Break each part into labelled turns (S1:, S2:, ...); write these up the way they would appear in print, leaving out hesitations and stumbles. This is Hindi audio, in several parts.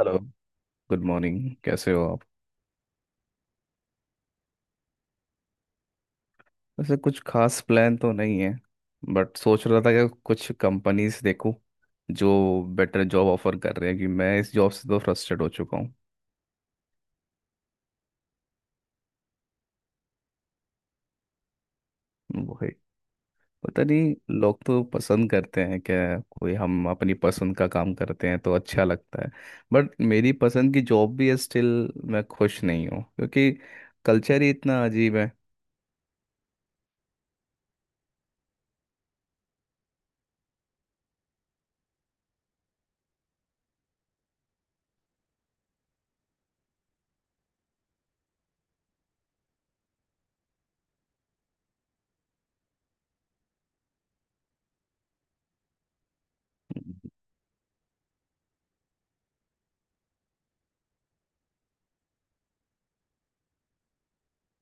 S1: हेलो। Good morning. कैसे हो आप? वैसे कुछ खास प्लान तो नहीं है, बट सोच रहा था कि कुछ कंपनीज देखूं जो बेटर जॉब ऑफर कर रहे हैं। कि मैं इस जॉब से तो फ्रस्ट्रेट हो चुका हूँ। वही। पता नहीं, लोग तो पसंद करते हैं क्या? कोई हम अपनी पसंद का काम करते हैं तो अच्छा लगता है, बट मेरी पसंद की जॉब भी है, स्टिल मैं खुश नहीं हूँ क्योंकि कल्चर ही इतना अजीब है।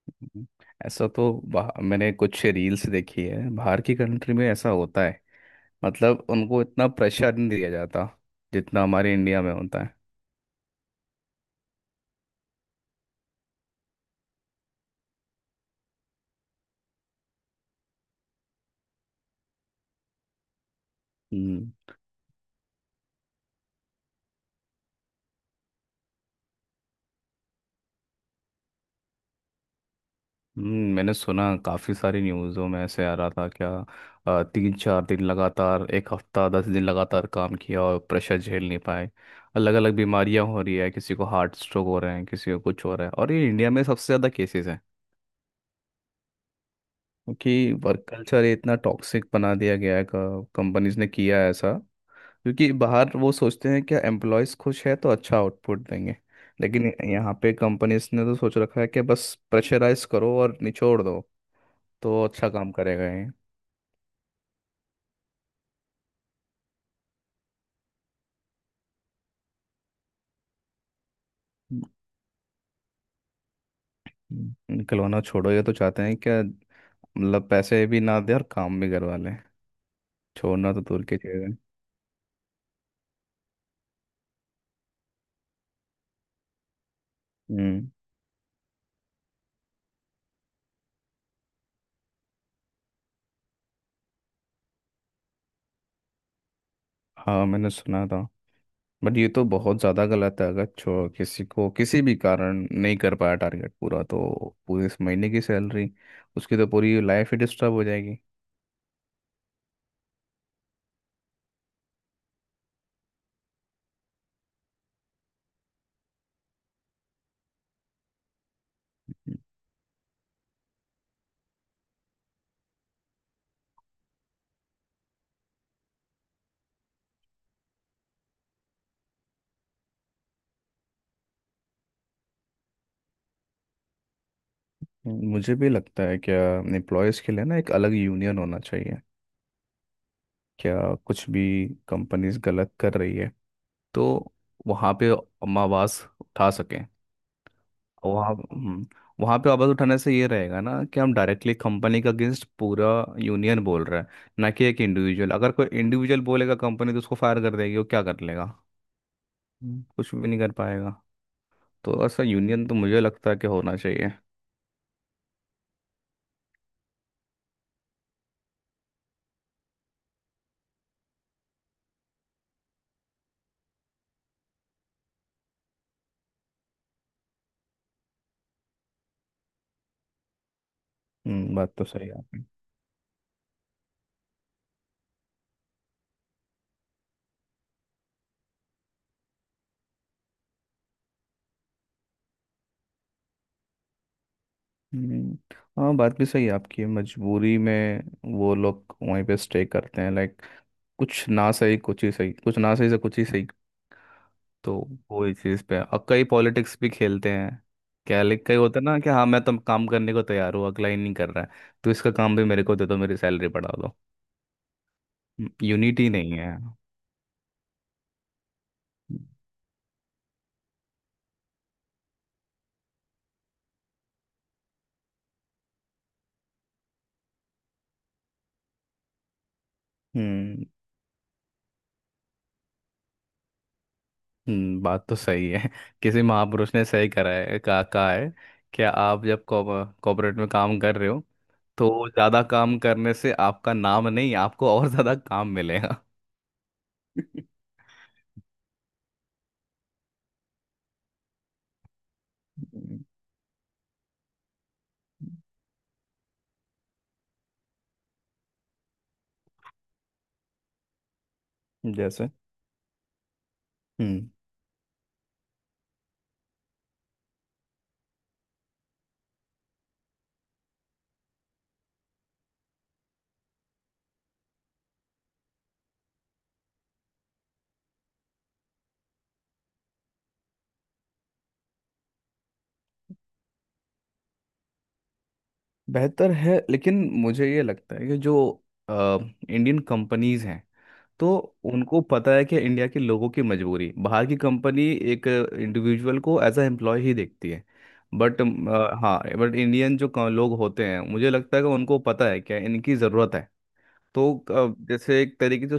S1: हम्म। ऐसा तो मैंने कुछ रील्स देखी है, बाहर की कंट्री में ऐसा होता है। मतलब उनको इतना प्रेशर नहीं दिया जाता जितना हमारे इंडिया में होता है। हम्म। मैंने सुना काफ़ी सारी न्यूज़ों में ऐसे आ रहा था क्या। 3-4 दिन लगातार एक हफ्ता 10 दिन लगातार काम किया और प्रेशर झेल नहीं पाए। अलग अलग बीमारियां हो रही है, किसी को हार्ट स्ट्रोक हो रहे हैं, किसी को कुछ हो रहा है, और ये इंडिया में सबसे ज़्यादा केसेस हैं। क्योंकि वर्क कल्चर इतना टॉक्सिक बना दिया गया है, कंपनीज ने किया है ऐसा। क्योंकि बाहर वो सोचते हैं क्या एम्प्लॉयज खुश है तो अच्छा आउटपुट देंगे। लेकिन यहाँ पे कंपनीज ने तो सोच रखा है कि बस प्रेशराइज करो और निचोड़ दो, तो अच्छा काम करेगा ये। खिलौना छोड़ो, ये तो चाहते हैं क्या, मतलब पैसे भी ना दे और काम भी करवा लें। छोड़ना तो दूर की चीज़ है। हम्म। हाँ, मैंने सुना था। बट ये तो बहुत ज़्यादा गलत है। अगर छो किसी को किसी भी कारण नहीं कर पाया टारगेट पूरा, तो पूरे इस महीने की सैलरी, उसकी तो पूरी लाइफ ही डिस्टर्ब हो जाएगी। मुझे भी लगता है क्या एम्प्लॉयज़ के लिए ना एक अलग यूनियन होना चाहिए। क्या कुछ भी कंपनीज गलत कर रही है, तो वहाँ पे हम आवाज़ उठा सकें। वहाँ, वहाँ पे आवाज़ उठाने से ये रहेगा ना कि हम डायरेक्टली कंपनी के अगेंस्ट पूरा यूनियन बोल रहा है, ना कि एक इंडिविजुअल। अगर कोई इंडिविजुअल बोलेगा कंपनी तो उसको फायर कर देगी, वो क्या कर लेगा? कुछ भी नहीं कर पाएगा। तो ऐसा यूनियन तो मुझे लगता है कि होना चाहिए। बात तो सही है आपकी। हम्म, हाँ बात भी सही है आपकी, मजबूरी में वो लोग वहीं पे स्टे करते हैं। लाइक कुछ ना सही कुछ ही सही, कुछ ना सही से कुछ ही सही। तो वो ही चीज़ पे और कई पॉलिटिक्स भी खेलते हैं। क्या लिख कई होता है ना कि हाँ मैं तो काम करने को तैयार हूँ, अगला ही नहीं कर रहा है, तो इसका काम भी मेरे को दे दो, मेरी सैलरी बढ़ा दो। यूनिटी नहीं है। हम्म। बात तो सही है। किसी महापुरुष ने सही करा है कहा कहा है कि आप जब कॉर्पोरेट में काम कर रहे हो, तो ज्यादा काम करने से आपका नाम नहीं, आपको और ज्यादा काम मिलेगा। हम्म। जैसे हम्म बेहतर है, लेकिन मुझे ये लगता है कि जो इंडियन कंपनीज हैं, तो उनको पता है कि इंडिया के लोगों की मजबूरी। बाहर की कंपनी एक इंडिविजुअल को एज अ एम्प्लॉय ही देखती है। बट हाँ, बट इंडियन जो लोग होते हैं मुझे लगता है कि उनको पता है क्या इनकी ज़रूरत है। तो जैसे एक तरीके से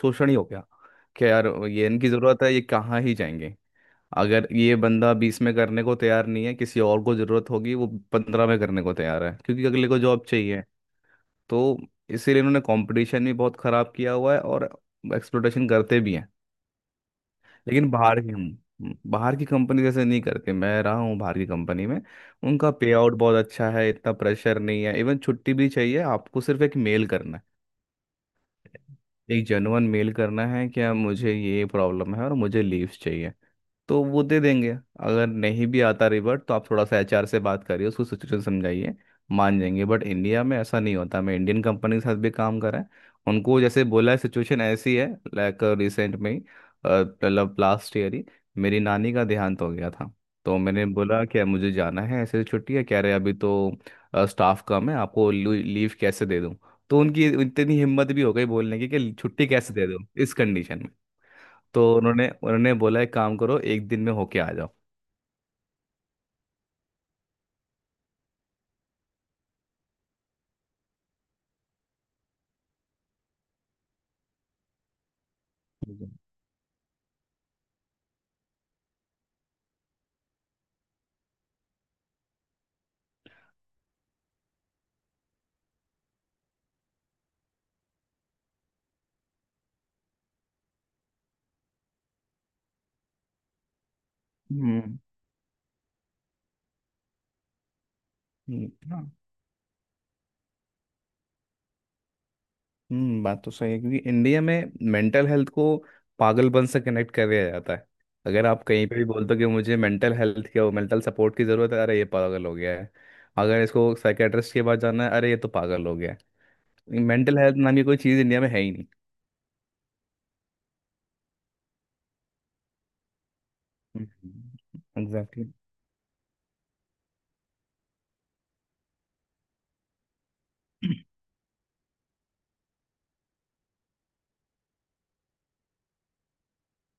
S1: शोषण ही हो गया, कि यार ये इनकी ज़रूरत है, ये कहाँ ही जाएंगे। अगर ये बंदा 20 में करने को तैयार नहीं है, किसी और को ज़रूरत होगी, वो 15 में करने को तैयार है क्योंकि अगले को जॉब चाहिए। तो इसीलिए इन्होंने कंपटीशन भी बहुत ख़राब किया हुआ है और एक्सप्लोटेशन करते भी हैं। लेकिन बाहर की हम, बाहर की कंपनी जैसे नहीं करते। मैं रहा हूँ बाहर की कंपनी में, उनका पे आउट बहुत अच्छा है, इतना प्रेशर नहीं है। इवन छुट्टी भी चाहिए आपको, सिर्फ एक मेल करना है, एक जेन्युइन मेल करना है क्या मुझे ये प्रॉब्लम है और मुझे लीव्स चाहिए, तो वो दे देंगे। अगर नहीं भी आता रिवर्ट तो आप थोड़ा सा एचआर से बात करिए, उसको सिचुएशन समझाइए, मान जाएंगे। बट इंडिया में ऐसा नहीं होता। मैं इंडियन कंपनी के साथ भी काम करा है, उनको जैसे बोला है सिचुएशन ऐसी है। लाइक रिसेंट में ही, मतलब लास्ट ईयर ही मेरी नानी का देहांत हो गया था। तो मैंने बोला क्या मुझे जाना है, ऐसे छुट्टी है, कह रहे अभी तो स्टाफ कम है, आपको लीव कैसे दे दूँ। तो उनकी इतनी हिम्मत भी हो गई बोलने की कि छुट्टी कैसे दे दूँ इस कंडीशन में। तो उन्होंने उन्होंने बोला एक काम करो, एक दिन में होके आ जाओ। हम्म। हम्म। हाँ। बात तो सही है, क्योंकि इंडिया में मेंटल हेल्थ को पागलपन से कनेक्ट कर दिया जाता है। अगर आप कहीं पे भी बोलते हो कि मुझे मेंटल हेल्थ क्या मेंटल सपोर्ट की ज़रूरत है, अरे ये पागल हो गया है। अगर इसको साइकेट्रिस्ट के पास जाना है, अरे ये तो पागल हो गया है। मेंटल हेल्थ नाम की कोई चीज़ इंडिया में है ही नहीं। एग्जैक्टली। एग्जैक्टली।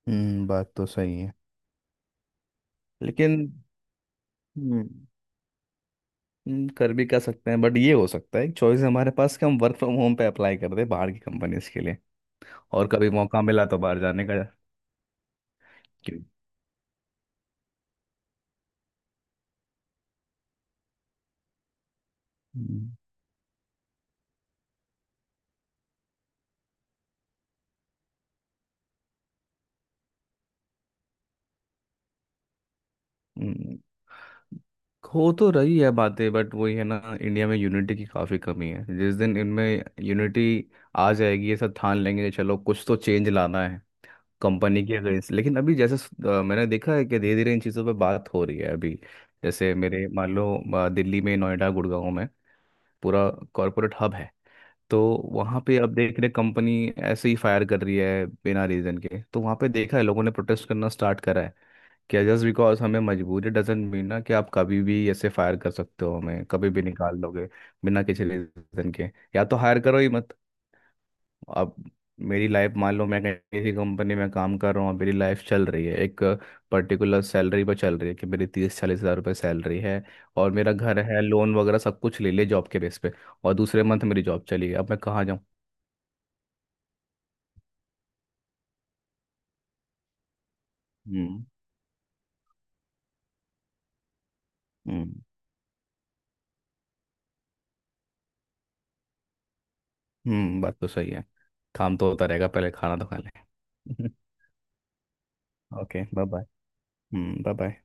S1: हम्म, बात तो सही है। लेकिन, हम्म। कर भी कर सकते हैं बट ये हो सकता है एक चॉइस हमारे पास कि हम वर्क फ्रॉम होम पे अप्लाई कर दे बाहर की कंपनीज के लिए, और कभी मौका मिला तो बाहर जाने का। क्यों? हम्म। हम्म, हो तो रही है बातें, बट वही है ना, इंडिया में यूनिटी की काफ़ी कमी है। जिस दिन इनमें यूनिटी आ जाएगी, ये सब ठान लेंगे कि चलो कुछ तो चेंज लाना है कंपनी के अगेंस्ट। लेकिन अभी जैसे मैंने देखा है कि धीरे धीरे इन चीज़ों पे बात हो रही है अभी। जैसे मेरे मान लो, दिल्ली में, नोएडा, गुड़गांव में पूरा कॉरपोरेट हब है। तो वहाँ पे अब देख रहे कंपनी ऐसे ही फायर कर रही है बिना रीज़न के, तो वहाँ पे देखा है लोगों ने प्रोटेस्ट करना स्टार्ट करा है कि जस्ट बिकॉज हमें मजबूरी डजेंट मीन ना कि आप कभी भी ऐसे फायर कर सकते हो, हमें कभी भी निकाल लोगे बिना किसी रीज़न के। या तो हायर करो ही मत। अब मेरी लाइफ मान लो, मैं कहीं किसी कंपनी में काम कर रहा हूँ, मेरी लाइफ चल रही है एक पर्टिकुलर सैलरी पर चल रही है कि मेरी 30-40 हज़ार रुपये सैलरी है, और मेरा घर है, लोन वगैरह सब कुछ ले ले जॉब के बेस पे, और दूसरे मंथ मेरी जॉब चली गई, अब मैं कहाँ जाऊँ। हम्म। हम्म। बात तो सही है। काम तो होता रहेगा, पहले खाना तो खा ले। Okay, bye bye. Hmm, bye bye.